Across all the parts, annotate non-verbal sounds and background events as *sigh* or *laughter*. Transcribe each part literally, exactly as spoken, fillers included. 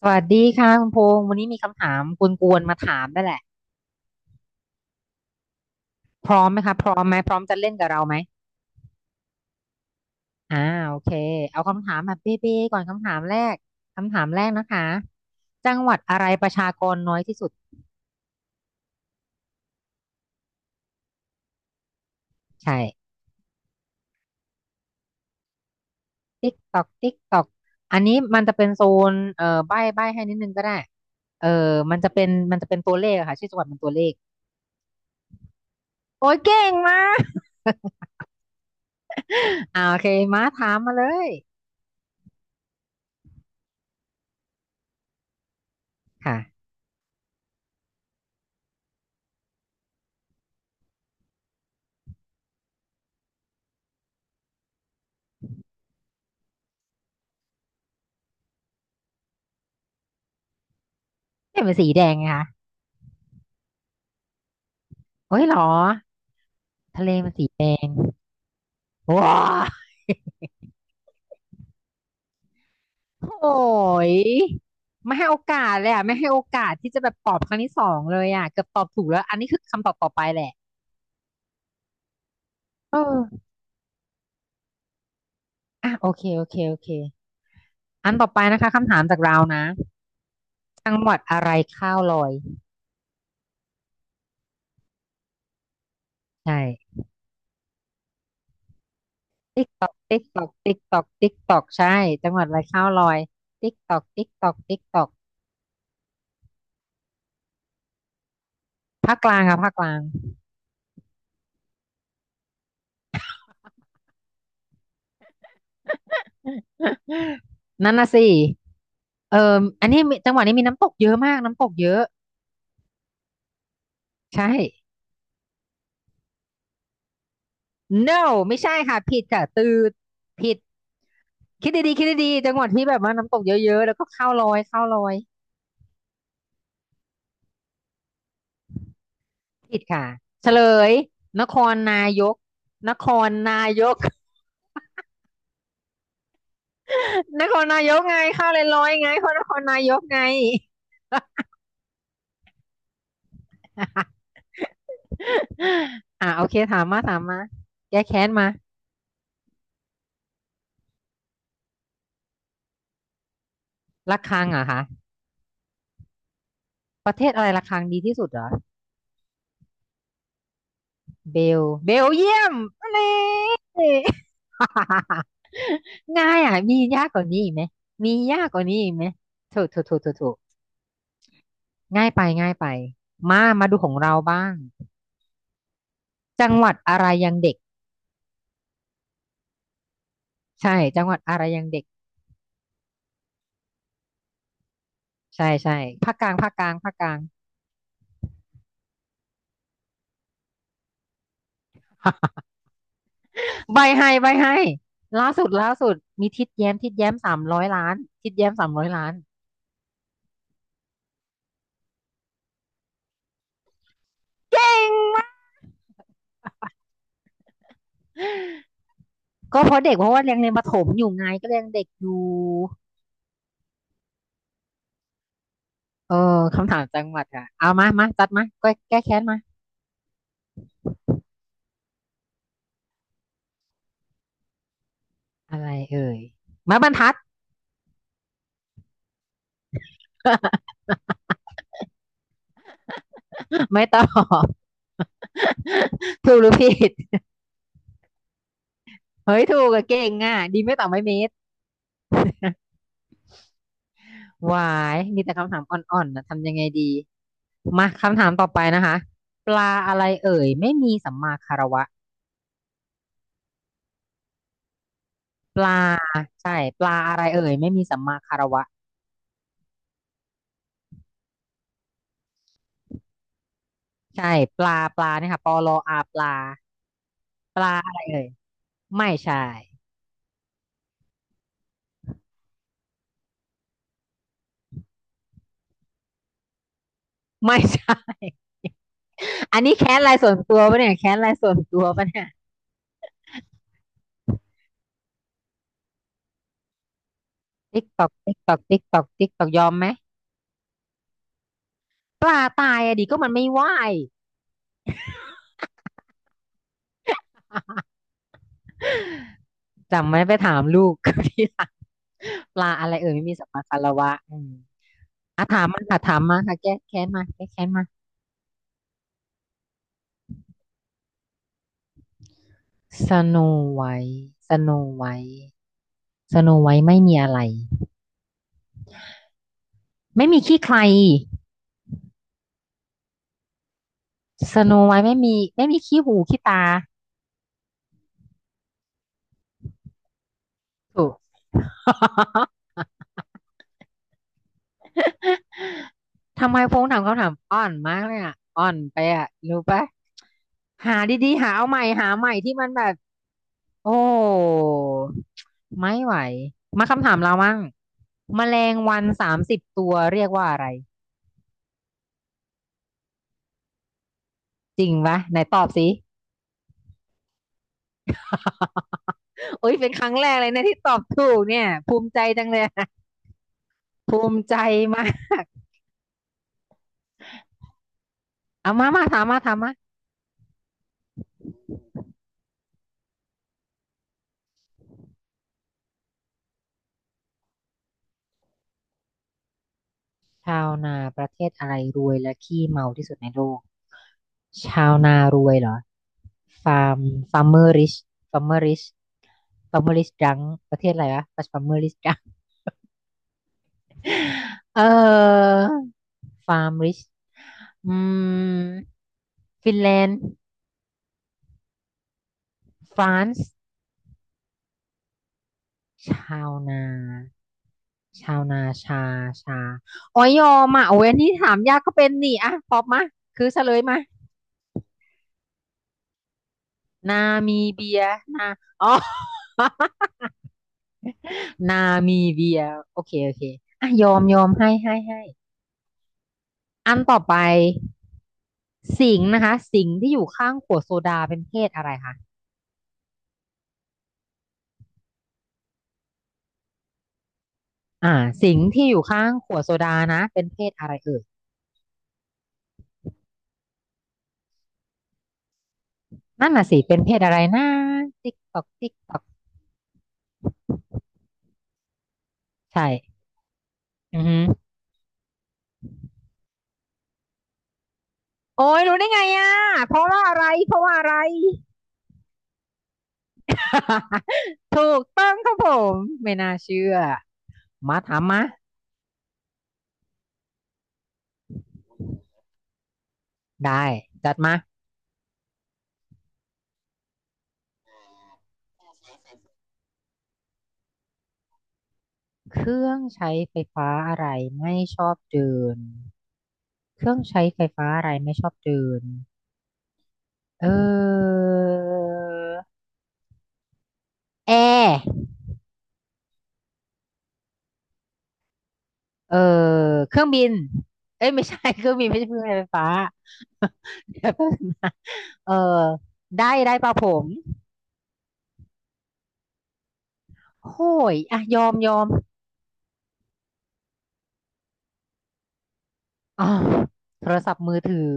สวัสดีค่ะคุณพงษ์วันนี้มีคำถามกวนๆมาถามนั่นแหละพร้อมไหมคะพร้อมไหมพร้อมจะเล่นกับเราไหมอ่าโอเคเอาคำถามแบบเบ๊ๆก่อนคำถามแรกคำถามแรกนะคะจังหวัดอะไรประชากรน้อยที่สุดใช่ติ๊กตอกติ๊กตอกอันนี้มันจะเป็นโซนเอ่อใบ้ใบ้ให้นิดนึงก็ได้เออมันจะเป็นมันจะเป็นตัวเลขอะค่ะชื่อจังหวัดเป็นตัวเลขโอ้ยเก่งมาก *laughs* อ่าโอเคมาถามมาเลยค่ะเนี่ยมันสีแดงไงคะโอ้ยเหรอทะเลมันสีแดง ว้าโอ้ยไม่ให้โอกาสเลยอ่ะไม่ให้โอกาสที่จะแบบตอบครั้งที่สองเลยอ่ะเกือบตอบถูกแล้วอันนี้คือคำตอบต่อไปแหละเอออ่ะโอเคโอเคโอเคอันต่อไปนะคะคำถามจากเรานะจังหวัดอะไรข้าวลอยใช่ติ๊กตอกติ๊กตอกติ๊กตอกติ๊กตอกใช่จังหวัดอะไรข้าวลอย ติ๊กตอกติ๊กตอกติ๊กตอกภาคกลางค่ะภาคกลาง *laughs* นั่นน่ะสิเอออันนี้มีจังหวัดนี้มีน้ำตกเยอะมากน้ำตกเยอะใช่ no ไม่ใช่ค่ะผิดค่ะตืดผิดคิดดีๆคิดดีๆจังหวัดที่แบบว่าน้ำตกเยอะๆแล้วก็ข้าวลอยข้าวลอยผิดค่ะเฉลยนครนายกนครนายก *laughs* นครนายกไงข้าวเลยลอยไงคนนครนายกไง *laughs* อ่าโอเคถามมาถามมาแก้แค้นมาระฆังเหรอคะประเทศอะไรระฆังดีที่สุดเหรอ เบลเบลเยี่ยมนี่ *laughs* ง่ายอ่ะมียากกว่านี้อีกไหมมียากกว่านี้อีกไหมถูกถูกถูกถูกถูกง่ายไปง่ายไปมามาดูของเราบ้างจังหวัดอะไรยังเด็กใช่จังหวัดอะไรยังเด็กใช่ใช่ภาคกลางภาคกลางภาคกลาง *laughs* ใบให้ใบให้ล่าสุดล่าสุดมีทิดแย้มทิดแย้มสามร้อยล้านทิดแย้มสามร้อยล้านเก่งมากก็เพราะเด็กเพราะว่ายังเรียนประถมอยู่ไงก็เรียนเด็กอยู่ โอ้คำถามจังหวัดค่ะเอามามาจัดมาแก้แก้แค้นมาอะไรเอ่ยไม้บรรทัด *laughs* ไม่ตอบ *laughs* ถูกหรือผิดเฮ้ยถูกอะเก่งอ่ะดีไม่ตอบไม่เมตรวายมีแต่คำถามอ่อนๆนะทำยังไงดีมาคำถามต่อไปนะคะปลาอะไรเอ่ยไม่มีสัมมาคารวะปลาใช่ปลาอะไรเอ่ยไม่มีสัมมาคารวะใช่ปลาปลาเนี่ยค่ะปลออาปลาปลาอะไรเอ่ยไม่ใช่ไม่ใช่ อันนี้แค้นรายส่วนตัวปะเนี่ยแค้นรายส่วนตัวปะเนี่ยติ๊กตอกติ๊กตอกติ๊กตอกติ๊กตอกยอมไหมปลาตายอะดิก็มันไม่ว่า *laughs* ยจำไม่ไปถามลูก *laughs* ทีหลังปลาอะไรเอ่ยไม่มีสัมมาคารวะอืมอ่ะถามมาค่ะถามมาค่ะแก้แค้นมาแก้แค้นมาสโนไวท์สโนไวท์สโนไวท์ไม่มีอะไรไม่มีขี้ใครสโนไวท์ไม่มีไม่มีขี้หูขี้ตาถูก *laughs* ทำไมพงษ์ถามคำถามอ่อนมากเลยอ่ะอ่อนไปอ่ะรู้ปะหาดีๆหาเอาใหม่หาใหม่ที่มันแบบโอ้ไม่ไหวมาคำถามเรามั่งแมลงวันสามสิบตัวเรียกว่าอะไรจริงปะไหนตอบสิ *laughs* โอ้ *laughs* ยเป็นครั้งแรกเลยนะที่ตอบถูกเนี่ยภูมิใจจังเลย *laughs* ภูมิใจมากเอามามาถามมาถามมาชาวนาประเทศอะไรรวยและขี้เมาที่สุดในโลก ชาวนารวยเหรอฟาร์มฟาร์มเมอร์ริชฟาร์มเมอร์ริชฟาร์มเมอร์ริชดังประเทศอะไรวะฟาร์ม *laughs* เมอร์ริชดังเออฟาร์มริชอืมฟินแลนด์ฟรานซ์ชาวนาชาวนาชาชาอ๋อยอมอ่ะโอ้ยอันนี้ถามยากก็เป็นนี่อ่ะตอบมาคือเฉลยมานามีเบียนาอ๋อ นามิเบียโอเคโอเคอ่ะยอมยอมให้ให้ให้อันต่อไปสิงห์นะคะสิงห์ที่อยู่ข้างขวดโซดาเป็นเพศอะไรคะอ่าสิงห์ที่อยู่ข้างขวดโซดานะเป็นเพศอะไรเอ่ยนั่นน่ะสิเป็นเพศอะไรนะติ๊กตอกติ๊กตอกใช่อือหือโอ้ยรู้ได้ไงอ่ะเพราะว่าอะไรเพราะว่าอะไร *laughs* ถูกต้องครับผมไม่น่าเชื่อมาถามมาได้จัดมาเครื่องใช้ไฟฟ้าอะไรไม่ชอบเดิน เครื่องใช้ไฟฟ้าอะไรไม่ชอบเดินเออแอร์เออเครื่องบินเอ้ยไม่ใช่ *laughs* เครื่องบินไม่ใช่เครื่องใช้ไฟฟ้า *laughs* เดี๋ยวแป๊บนึงนะเออได้ได้ป่ะผมโอ้ยอ่ะยอมยอมอ๋อโทรศัพท์มือถือ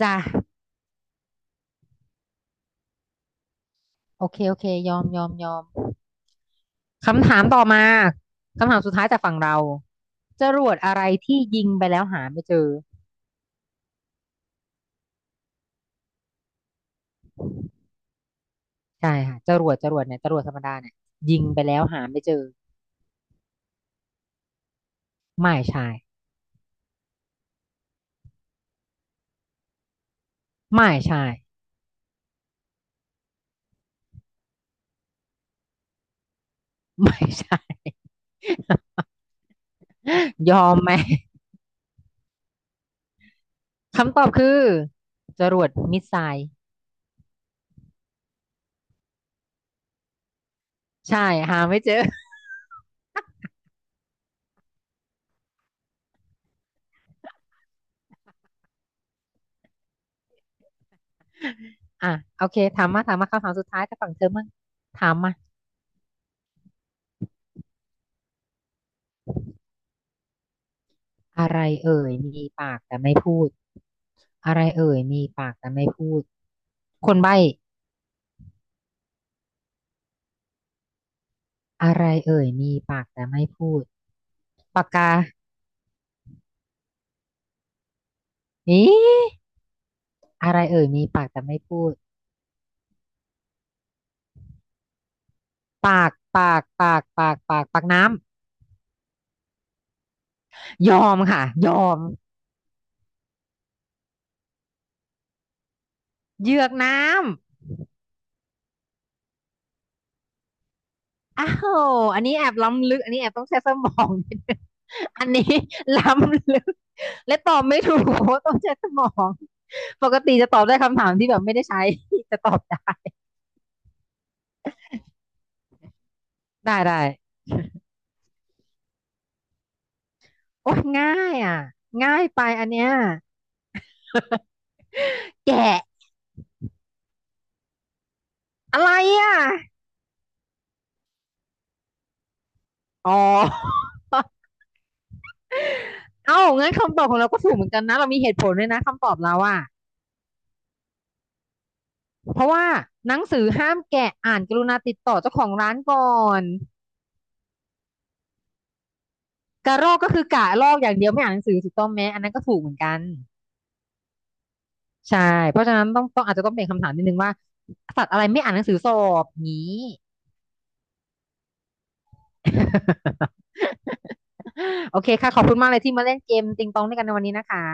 จ้ะโอเคโอเคยอมยอมยอม คำถามต่อมาคำถามสุดท้ายจากฝั่งเราจรวดอะไรที่ยิงไปแล้วหาไม่เจอ ใช่ค่ะจรวดจรวดเนี่ยจรวดธรรมดาเนี่ยยิงไปแล้วหาไม่เจอไม่ใช่ไม่ใช่ *laughs* ไม่ใช่ยอมไหมคำตอบคือจรวดมิสไซล์ใช่หาไม่เจออ่ะโอเคถามมาถามมาคำถามสุดท้ายจ้ากฝั่งเธอมั่งถามมาอะไรเอ่ยมีปากแต่ไม่พูดอะไรเอ่ยมีปากแต่ไม่พูดคนใบ้อะไรเอ่ยมีปากแต่ไม่พูดปากกานี่อะไรเอ่ยมีปากแต่ไม่พูด ปากปากปากปากปากปากน้ำยอมค่ะยอมเหยือกน้ำอ้าวอันนี้แอบล้ำลึกอันนี้แอบต้องใช้สมองนิดนึงอันนี้ล้ำลึกและตอบไม่ถูกเพราะต้องใช้สมองปกติจะตอบได้คำถามที่แบบไม่ได้ใช้ *laughs* จะตอบได้ได้ได้โอ้ยง่ายอ่ะง่ายไปอันเนี้ยแกะอะไรอ่ะอ๋อ *laughs* เอ้างั้นคำตอบของเราก็ถูกเหมือนกันนะเรามีเหตุผลด้วยนะคำตอบเราอ่ะ เพราะว่าหนังสือห้ามแกะอ่านกรุณาติดต่อเจ้าของร้านก่อนกระรอกก็คือกะลอกอย่างเดียวไม่อ่านหนังสือถูกต้องไหมอันนั้นก็ถูกเหมือนกันใช่เพราะฉะนั้นต้องต้องอาจจะต้องเป็นคำถามนิดนึงว่าสัตว์อะไรไม่อ่านหนังสือสอบนี้ *laughs* โอเคค่ะขอบคุณมากเลยที่มาเล่นเกมติงตองด้วยกันในวันนี้นะคะ